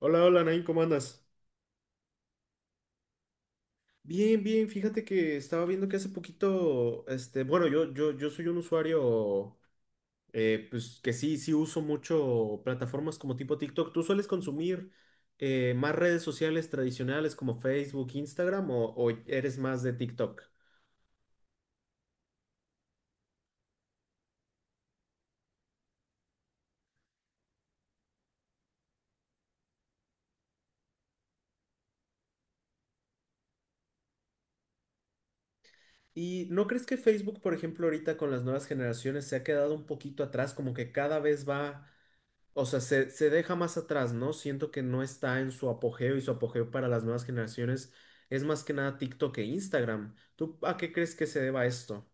Hola, hola, Nain, ¿cómo andas? Bien, bien, fíjate que estaba viendo que hace poquito, este, bueno, yo soy un usuario, pues que sí, sí uso mucho plataformas como tipo TikTok. ¿Tú sueles consumir más redes sociales tradicionales como Facebook, Instagram o eres más de TikTok? ¿Y no crees que Facebook, por ejemplo, ahorita con las nuevas generaciones se ha quedado un poquito atrás, como que cada vez va. O sea, se deja más atrás, ¿no? Siento que no está en su apogeo y su apogeo para las nuevas generaciones es más que nada TikTok e Instagram. ¿Tú a qué crees que se deba esto?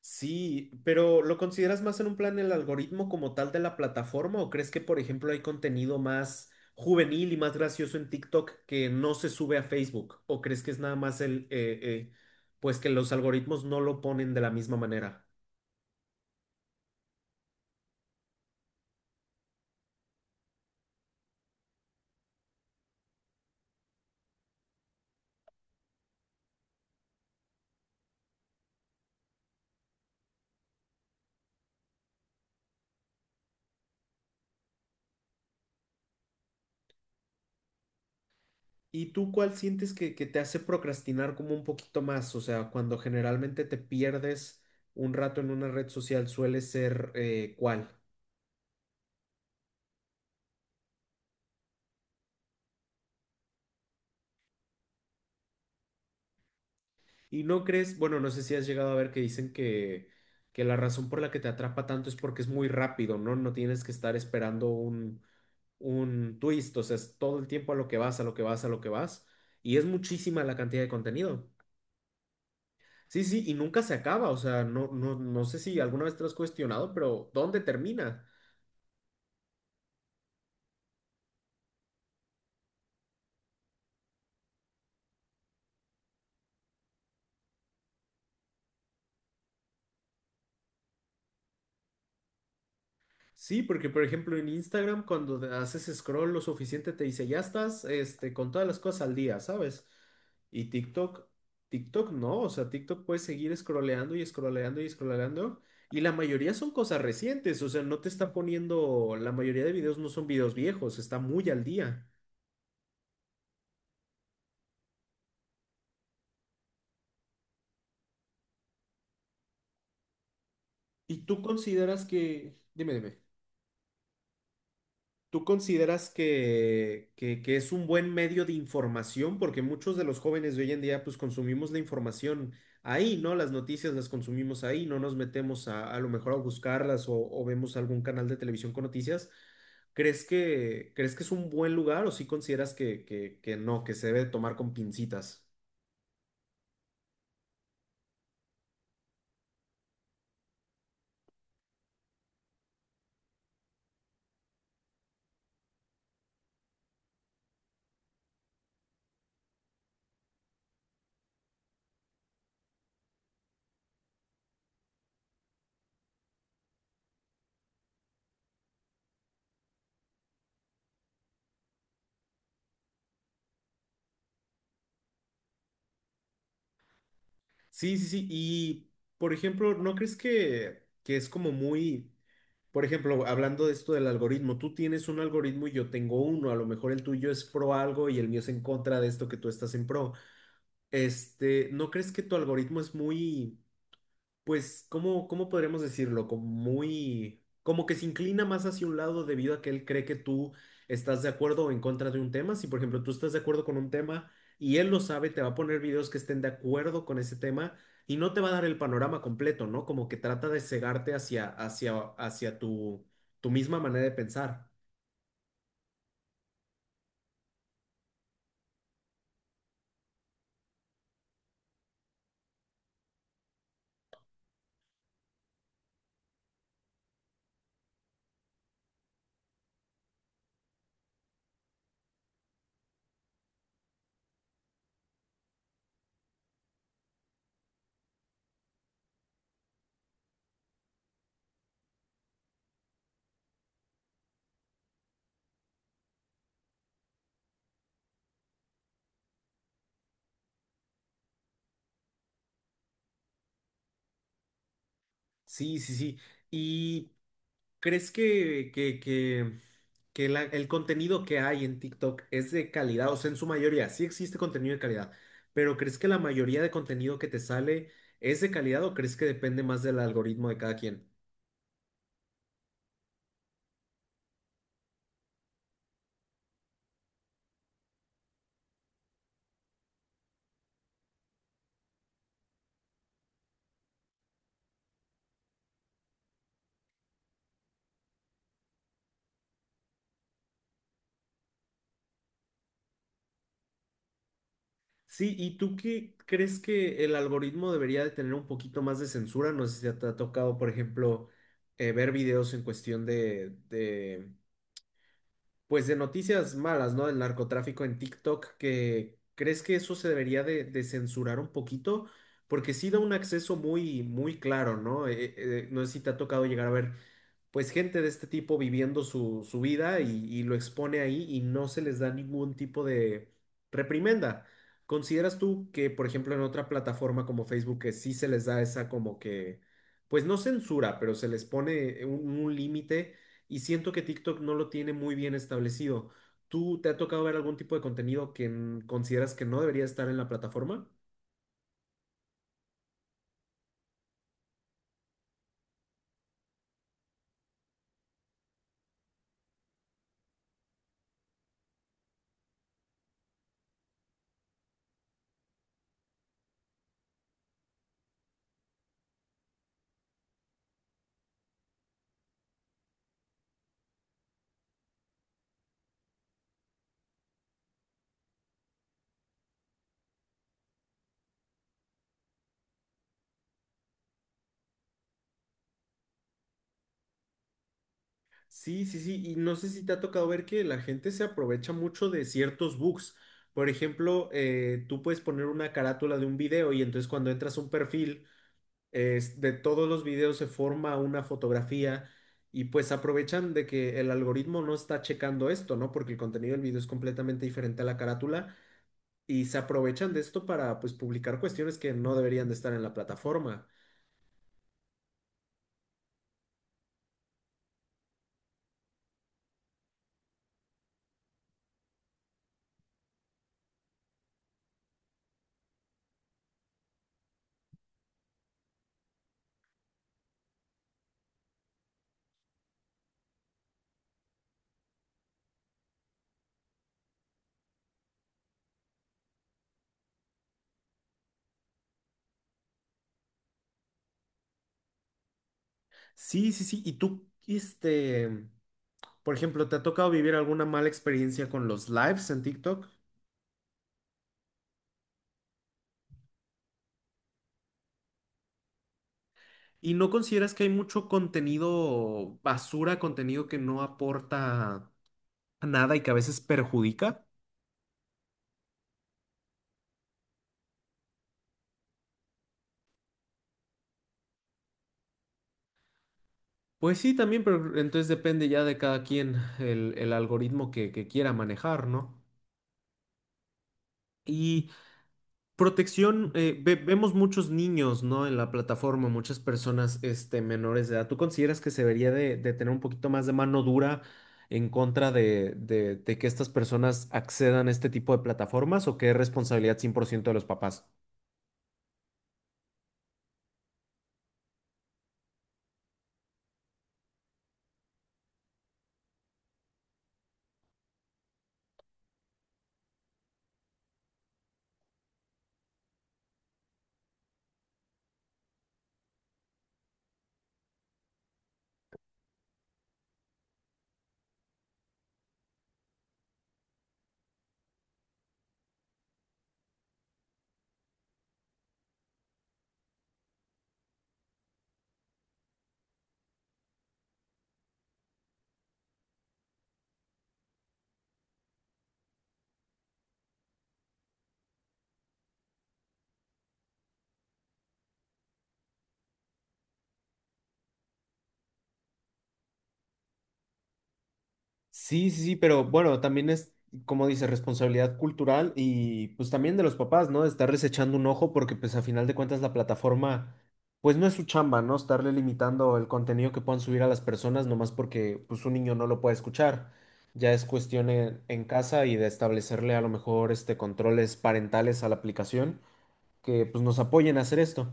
Sí, pero ¿lo consideras más en un plan el algoritmo como tal de la plataforma o crees que, por ejemplo, hay contenido más juvenil y más gracioso en TikTok que no se sube a Facebook? ¿O crees que es nada más el, pues que los algoritmos no lo ponen de la misma manera? ¿Y tú cuál sientes que te hace procrastinar como un poquito más? O sea, cuando generalmente te pierdes un rato en una red social, suele ser ¿cuál? Y no crees, bueno, no sé si has llegado a ver que dicen que, la razón por la que te atrapa tanto es porque es muy rápido, ¿no? No tienes que estar esperando un twist, o sea, es todo el tiempo a lo que vas, a lo que vas, a lo que vas. Y es muchísima la cantidad de contenido. Sí, sí, y nunca se acaba, o sea, no, no, no sé si alguna vez te lo has cuestionado, pero ¿dónde termina? Sí, porque por ejemplo en Instagram cuando te haces scroll lo suficiente te dice, ya estás este, con todas las cosas al día, ¿sabes? Y TikTok, TikTok no, o sea, TikTok puedes seguir scrolleando y scrolleando y scrolleando y la mayoría son cosas recientes, o sea, no te está poniendo, la mayoría de videos no son videos viejos, está muy al día. ¿Y tú consideras que, dime, dime? ¿Tú consideras que, que es un buen medio de información? Porque muchos de los jóvenes de hoy en día, pues consumimos la información ahí, ¿no? Las noticias las consumimos ahí, no nos metemos a lo mejor a buscarlas o vemos algún canal de televisión con noticias. Crees que es un buen lugar o sí consideras que, que no, que se debe tomar con pincitas? Sí, sí, sí. Y, por ejemplo, ¿no crees que es como muy... Por ejemplo, hablando de esto del algoritmo, tú tienes un algoritmo y yo tengo uno, a lo mejor el tuyo es pro algo y el mío es en contra de esto que tú estás en pro? Este, ¿no crees que tu algoritmo es muy, pues, ¿cómo, cómo podríamos decirlo? Como muy, como que se inclina más hacia un lado debido a que él cree que tú estás de acuerdo o en contra de un tema. Si, por ejemplo, tú estás de acuerdo con un tema y él lo sabe, te va a poner videos que estén de acuerdo con ese tema y no te va a dar el panorama completo, ¿no? Como que trata de cegarte hacia tu, misma manera de pensar. Sí, sí, sí. Y ¿crees que el contenido que hay en TikTok es de calidad? O sea, en su mayoría, sí existe contenido de calidad, pero ¿crees que la mayoría de contenido que te sale es de calidad o crees que depende más del algoritmo de cada quien? Sí, ¿y tú qué crees que el algoritmo debería de tener un poquito más de censura? No sé si te ha tocado, por ejemplo, ver videos en cuestión de, pues de noticias malas, ¿no? Del narcotráfico en TikTok, que crees que eso se debería de, censurar un poquito, porque sí da un acceso muy, muy claro, ¿no? No sé si te ha tocado llegar a ver, pues gente de este tipo viviendo su vida y lo expone ahí y no se les da ningún tipo de reprimenda. ¿Consideras tú que, por ejemplo, en otra plataforma como Facebook, que sí se les da esa como que, pues no censura, pero se les pone un límite? Y siento que TikTok no lo tiene muy bien establecido. ¿Tú te ha tocado ver algún tipo de contenido que consideras que no debería estar en la plataforma? Sí, sí, sí. Y no sé si te ha tocado ver que la gente se aprovecha mucho de ciertos bugs. Por ejemplo, tú puedes poner una carátula de un video y entonces cuando entras a un perfil, de todos los videos se forma una fotografía y pues aprovechan de que el algoritmo no está checando esto, ¿no? Porque el contenido del video es completamente diferente a la carátula y se aprovechan de esto para pues publicar cuestiones que no deberían de estar en la plataforma. Sí, sí, sí. ¿Y tú, este, por ejemplo, te ha tocado vivir alguna mala experiencia con los lives en TikTok? ¿Y no consideras que hay mucho contenido basura, contenido que no aporta nada y que a veces perjudica? Pues sí, también, pero entonces depende ya de cada quien el algoritmo que quiera manejar, ¿no? Y protección, vemos muchos niños, ¿no? En la plataforma, muchas personas, este, menores de edad. ¿Tú consideras que se debería de tener un poquito más de mano dura en contra de, de que estas personas accedan a este tipo de plataformas o que es responsabilidad 100% de los papás? Sí, sí, sí, pero bueno, también es, como dice, responsabilidad cultural y pues también de los papás, ¿no? Estarles echando un ojo porque pues a final de cuentas la plataforma, pues no es su chamba, ¿no? Estarle limitando el contenido que puedan subir a las personas nomás porque pues un niño no lo puede escuchar. Ya es cuestión en casa y de establecerle a lo mejor este controles parentales a la aplicación que pues nos apoyen a hacer esto.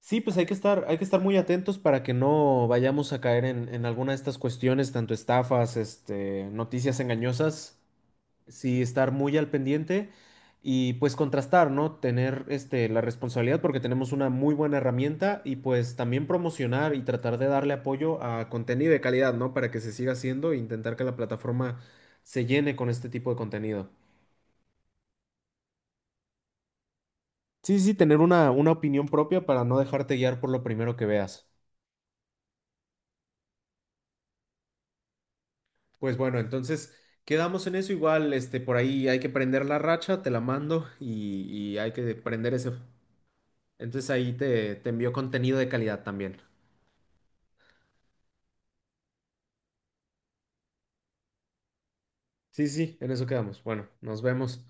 Sí, pues hay que estar muy atentos para que no vayamos a caer en alguna de estas cuestiones, tanto estafas, este, noticias engañosas. Sí, estar muy al pendiente y pues contrastar, ¿no? Tener este, la responsabilidad porque tenemos una muy buena herramienta y pues también promocionar y tratar de darle apoyo a contenido de calidad, ¿no? Para que se siga haciendo e intentar que la plataforma se llene con este tipo de contenido. Sí, sí, sí, tener una, opinión propia para no dejarte guiar por lo primero que veas. Pues bueno, entonces quedamos en eso igual, este, por ahí hay que prender la racha, te la mando y hay que prender ese. Entonces ahí te, envío contenido de calidad también. Sí, sí, sí, en eso quedamos. Bueno, nos vemos.